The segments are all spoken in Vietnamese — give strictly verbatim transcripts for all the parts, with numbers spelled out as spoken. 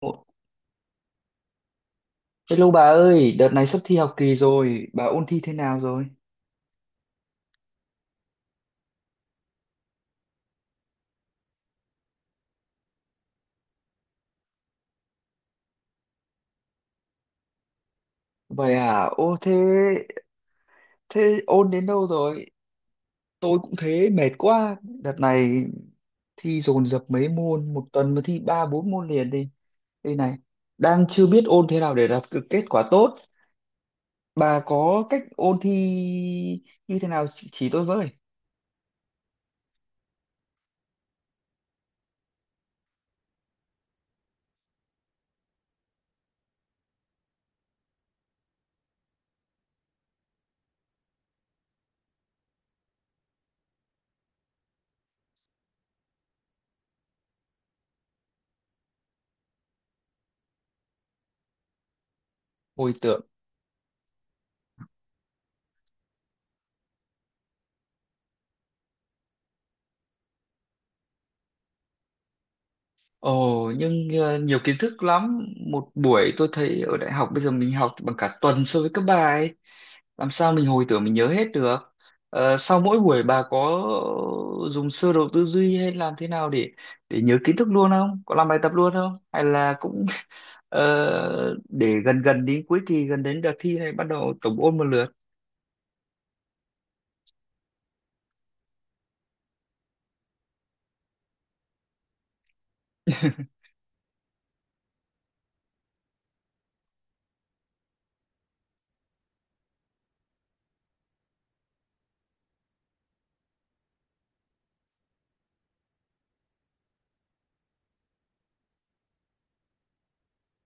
Ồ, hello bà ơi, đợt này sắp thi học kỳ rồi, bà ôn thi thế nào rồi? Vậy à, ô thế, thế ôn đến đâu rồi? Tôi cũng thế, mệt quá. Đợt này thi dồn dập mấy môn, một tuần mà thi ba bốn môn liền đi. Đây này, đang chưa biết ôn thế nào để đạt được kết quả tốt. Bà có cách ôn thi như thế nào, chỉ chỉ tôi với. Hồi tưởng. Ồ, nhưng ờ, nhiều kiến thức lắm. Một buổi tôi thấy ở đại học bây giờ mình học bằng cả tuần so với các bà ấy. Làm sao mình hồi tưởng mình nhớ hết được? Ờ, sau mỗi buổi bà có dùng sơ đồ tư duy hay làm thế nào để để nhớ kiến thức luôn, không có làm bài tập luôn không, hay là cũng ờ, để gần gần đến cuối kỳ, gần đến đợt thi này bắt đầu tổng ôn một lượt?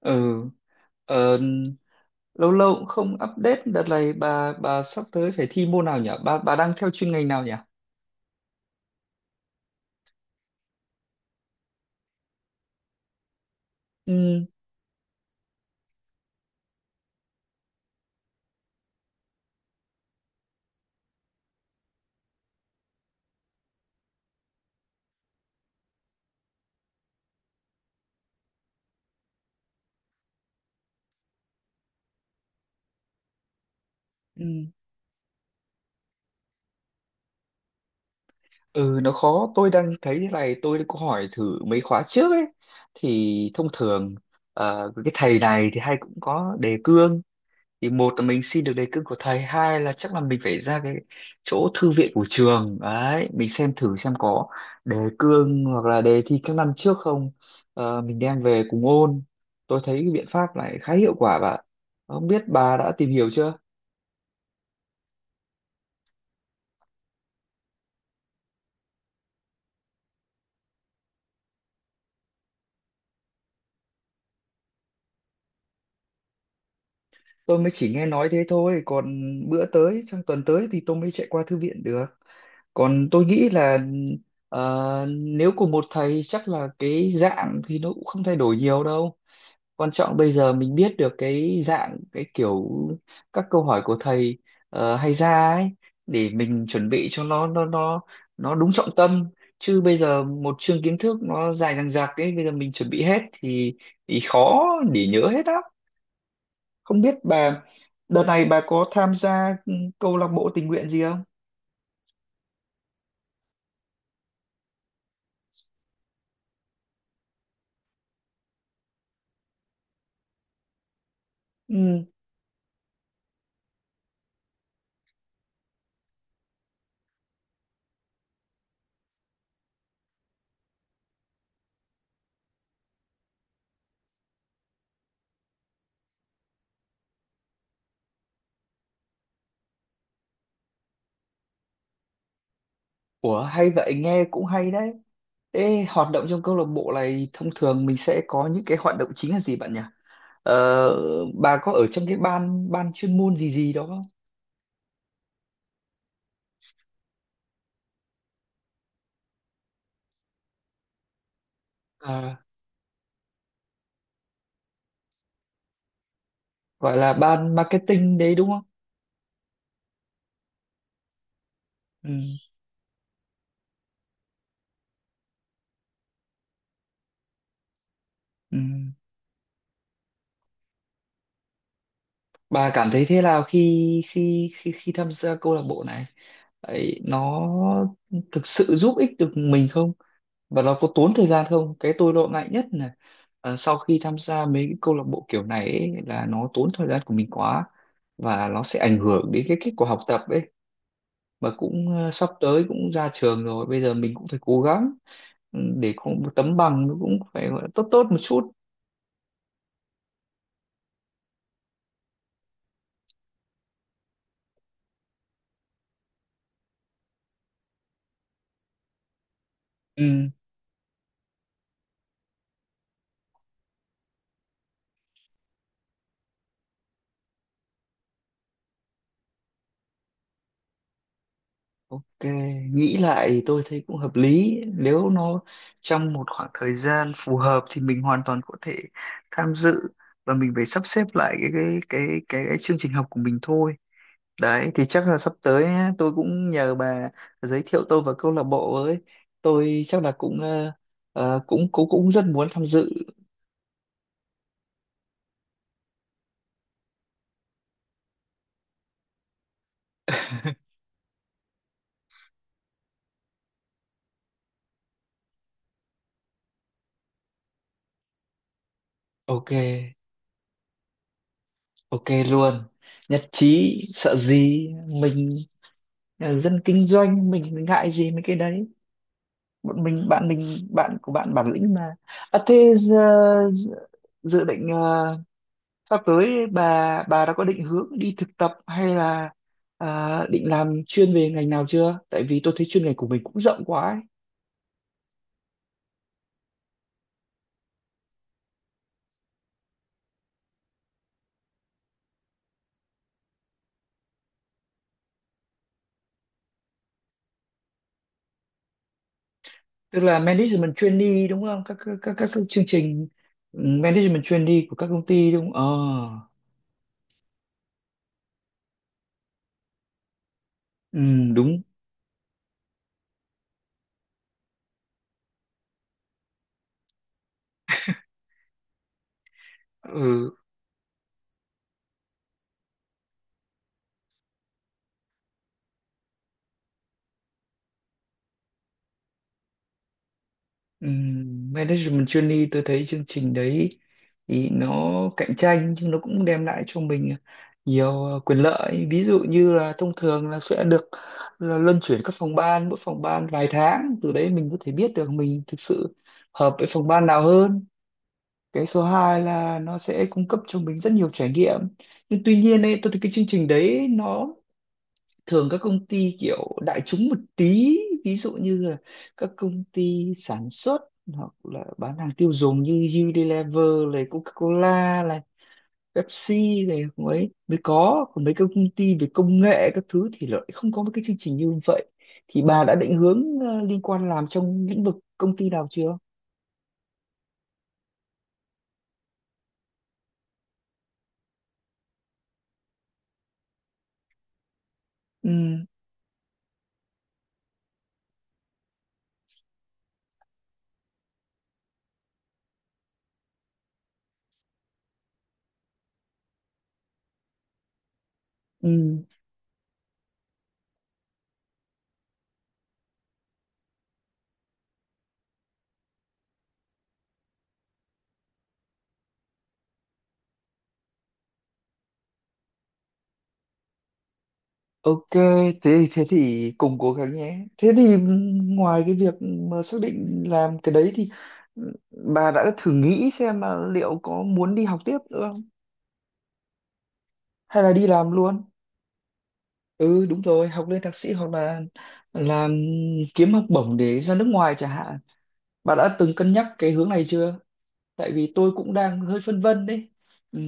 Ừ. ờ, Lâu lâu cũng không update. Đợt này bà bà sắp tới phải thi môn nào nhỉ? Bà bà đang theo chuyên ngành nào nhỉ? Ừ, ừ. Ừ, nó khó. Tôi đang thấy thế này, tôi có hỏi thử mấy khóa trước ấy, thì thông thường ờ, cái thầy này thì hay cũng có đề cương, thì một là mình xin được đề cương của thầy, hai là chắc là mình phải ra cái chỗ thư viện của trường đấy, mình xem thử xem có đề cương hoặc là đề thi các năm trước không. Ờ, mình đem về cùng ôn. Tôi thấy cái biện pháp này khá hiệu quả bạn, không biết bà đã tìm hiểu chưa. Tôi mới chỉ nghe nói thế thôi, còn bữa tới sang tuần tới thì tôi mới chạy qua thư viện được. Còn tôi nghĩ là ờ, nếu cùng một thầy chắc là cái dạng thì nó cũng không thay đổi nhiều đâu. Quan trọng bây giờ mình biết được cái dạng, cái kiểu các câu hỏi của thầy ờ, hay ra ấy, để mình chuẩn bị cho nó nó nó nó đúng trọng tâm. Chứ bây giờ một chương kiến thức nó dài dằng dặc ấy, bây giờ mình chuẩn bị hết thì thì khó để nhớ hết á. Không biết bà đợt này bà có tham gia ừ, câu lạc bộ tình nguyện gì không? Ừ. Ủa, hay vậy, nghe cũng hay đấy. Ê, hoạt động trong câu lạc bộ này thông thường mình sẽ có những cái hoạt động chính là gì bạn nhỉ? Ờ, bà có ở trong cái ban ban chuyên môn gì gì đó không? À, gọi là ban marketing đấy đúng không? Ừ, ừ. Bà cảm thấy thế nào khi khi khi khi tham gia câu lạc bộ này? Ấy, nó thực sự giúp ích được mình không? Và nó có tốn thời gian không? Cái tôi lo ngại nhất là ờ, sau khi tham gia mấy cái câu lạc bộ kiểu này ấy, là nó tốn thời gian của mình quá và nó sẽ ảnh hưởng đến cái kết quả học tập ấy. Mà cũng ờ, sắp tới cũng ra trường rồi, bây giờ mình cũng phải cố gắng ừ, để có một tấm bằng nó cũng phải gọi là tốt tốt một chút. Ừ. Ok, nghĩ lại thì tôi thấy cũng hợp lý. Nếu nó trong một khoảng thời gian phù hợp thì mình hoàn toàn có thể tham dự, và mình phải sắp xếp lại cái cái cái cái, cái chương trình học của mình thôi. Đấy thì chắc là sắp tới á, tôi cũng nhờ bà giới thiệu tôi vào câu lạc bộ với. Tôi chắc là cũng ờ, ờ, cũng cũng cũng rất muốn tham dự. Ok, ok luôn. Nhất trí, sợ gì mình ờ, dân kinh doanh mình ngại gì mấy cái đấy. Bọn mình bạn mình bạn của bạn bản lĩnh mà. À thế giờ, dự dự định ờ, sắp tới bà bà đã có định hướng đi thực tập hay là ờ, định làm chuyên về ngành nào chưa? Tại vì tôi thấy chuyên ngành của mình cũng rộng quá ấy. Tức là management trainee đúng không, các các các, các, các chương trình. Ừ, management trainee của các công ty đúng không ờ ừ, đúng. Ừ, ừ, management trainee tôi thấy chương trình đấy thì nó cạnh tranh, nhưng nó cũng đem lại cho mình nhiều ờ, quyền lợi. Ví dụ như là thông thường là sẽ được là luân chuyển các phòng ban, mỗi phòng ban vài tháng, từ đấy mình có thể biết được mình thực sự hợp với phòng ban nào hơn. Cái số hai là nó sẽ cung cấp cho mình rất nhiều trải nghiệm. Nhưng tuy nhiên ấy, tôi thấy cái chương trình đấy nó thường các công ty kiểu đại chúng một tí. Ví dụ như là các công ty sản xuất hoặc là bán hàng tiêu dùng như Unilever này, Coca-Cola này, Pepsi này mới mới có. Còn mấy cái công ty về công nghệ các thứ thì lại không có mấy cái chương trình như vậy. Thì bà đã định hướng ờ, liên quan làm trong lĩnh vực công ty nào chưa? Ừ. Ừ. Ok, thế thế thì cùng cố gắng nhé. Thế thì ngoài cái việc mà xác định làm cái đấy thì ừ, bà đã thử nghĩ xem là liệu có muốn đi học tiếp nữa không? Hay là đi làm luôn? Ừ đúng rồi, học lên thạc sĩ hoặc là làm kiếm học bổng để ra nước ngoài chẳng hạn. Bà đã từng cân nhắc cái hướng này chưa? Tại vì tôi cũng đang hơi phân vân đấy. Ừ.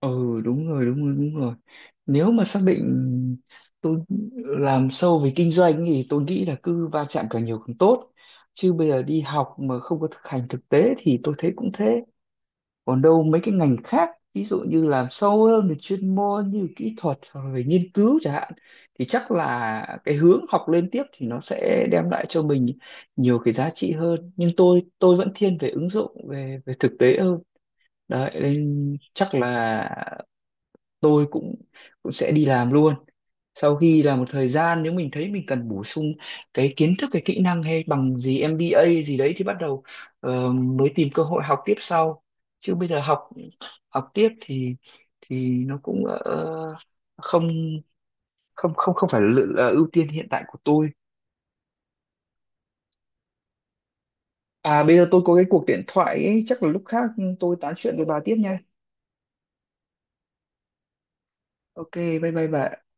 Ừ đúng rồi, đúng rồi, đúng rồi. Nếu mà xác định tôi làm sâu về kinh doanh thì tôi nghĩ là cứ va chạm càng nhiều càng tốt. Chứ bây giờ đi học mà không có thực hành thực tế thì tôi thấy cũng thế. Còn đâu mấy cái ngành khác, ví dụ như làm sâu hơn về chuyên môn như kỹ thuật hoặc là về nghiên cứu chẳng hạn, thì chắc là cái hướng học lên tiếp thì nó sẽ đem lại cho mình nhiều cái giá trị hơn. Nhưng tôi tôi vẫn thiên về ứng dụng, về về thực tế hơn. Đấy nên chắc là tôi cũng cũng sẽ đi làm luôn. Sau khi là một thời gian nếu mình thấy mình cần bổ sung cái kiến thức, cái kỹ năng hay bằng gì em bê a gì đấy thì bắt đầu ờ, mới tìm cơ hội học tiếp sau. Chứ bây giờ học học tiếp thì thì nó cũng ờ, không không không không phải là, là ưu tiên hiện tại của tôi. À bây giờ tôi có cái cuộc điện thoại ấy, chắc là lúc khác tôi tán chuyện với bà tiếp nha. Ok, bye bye bà.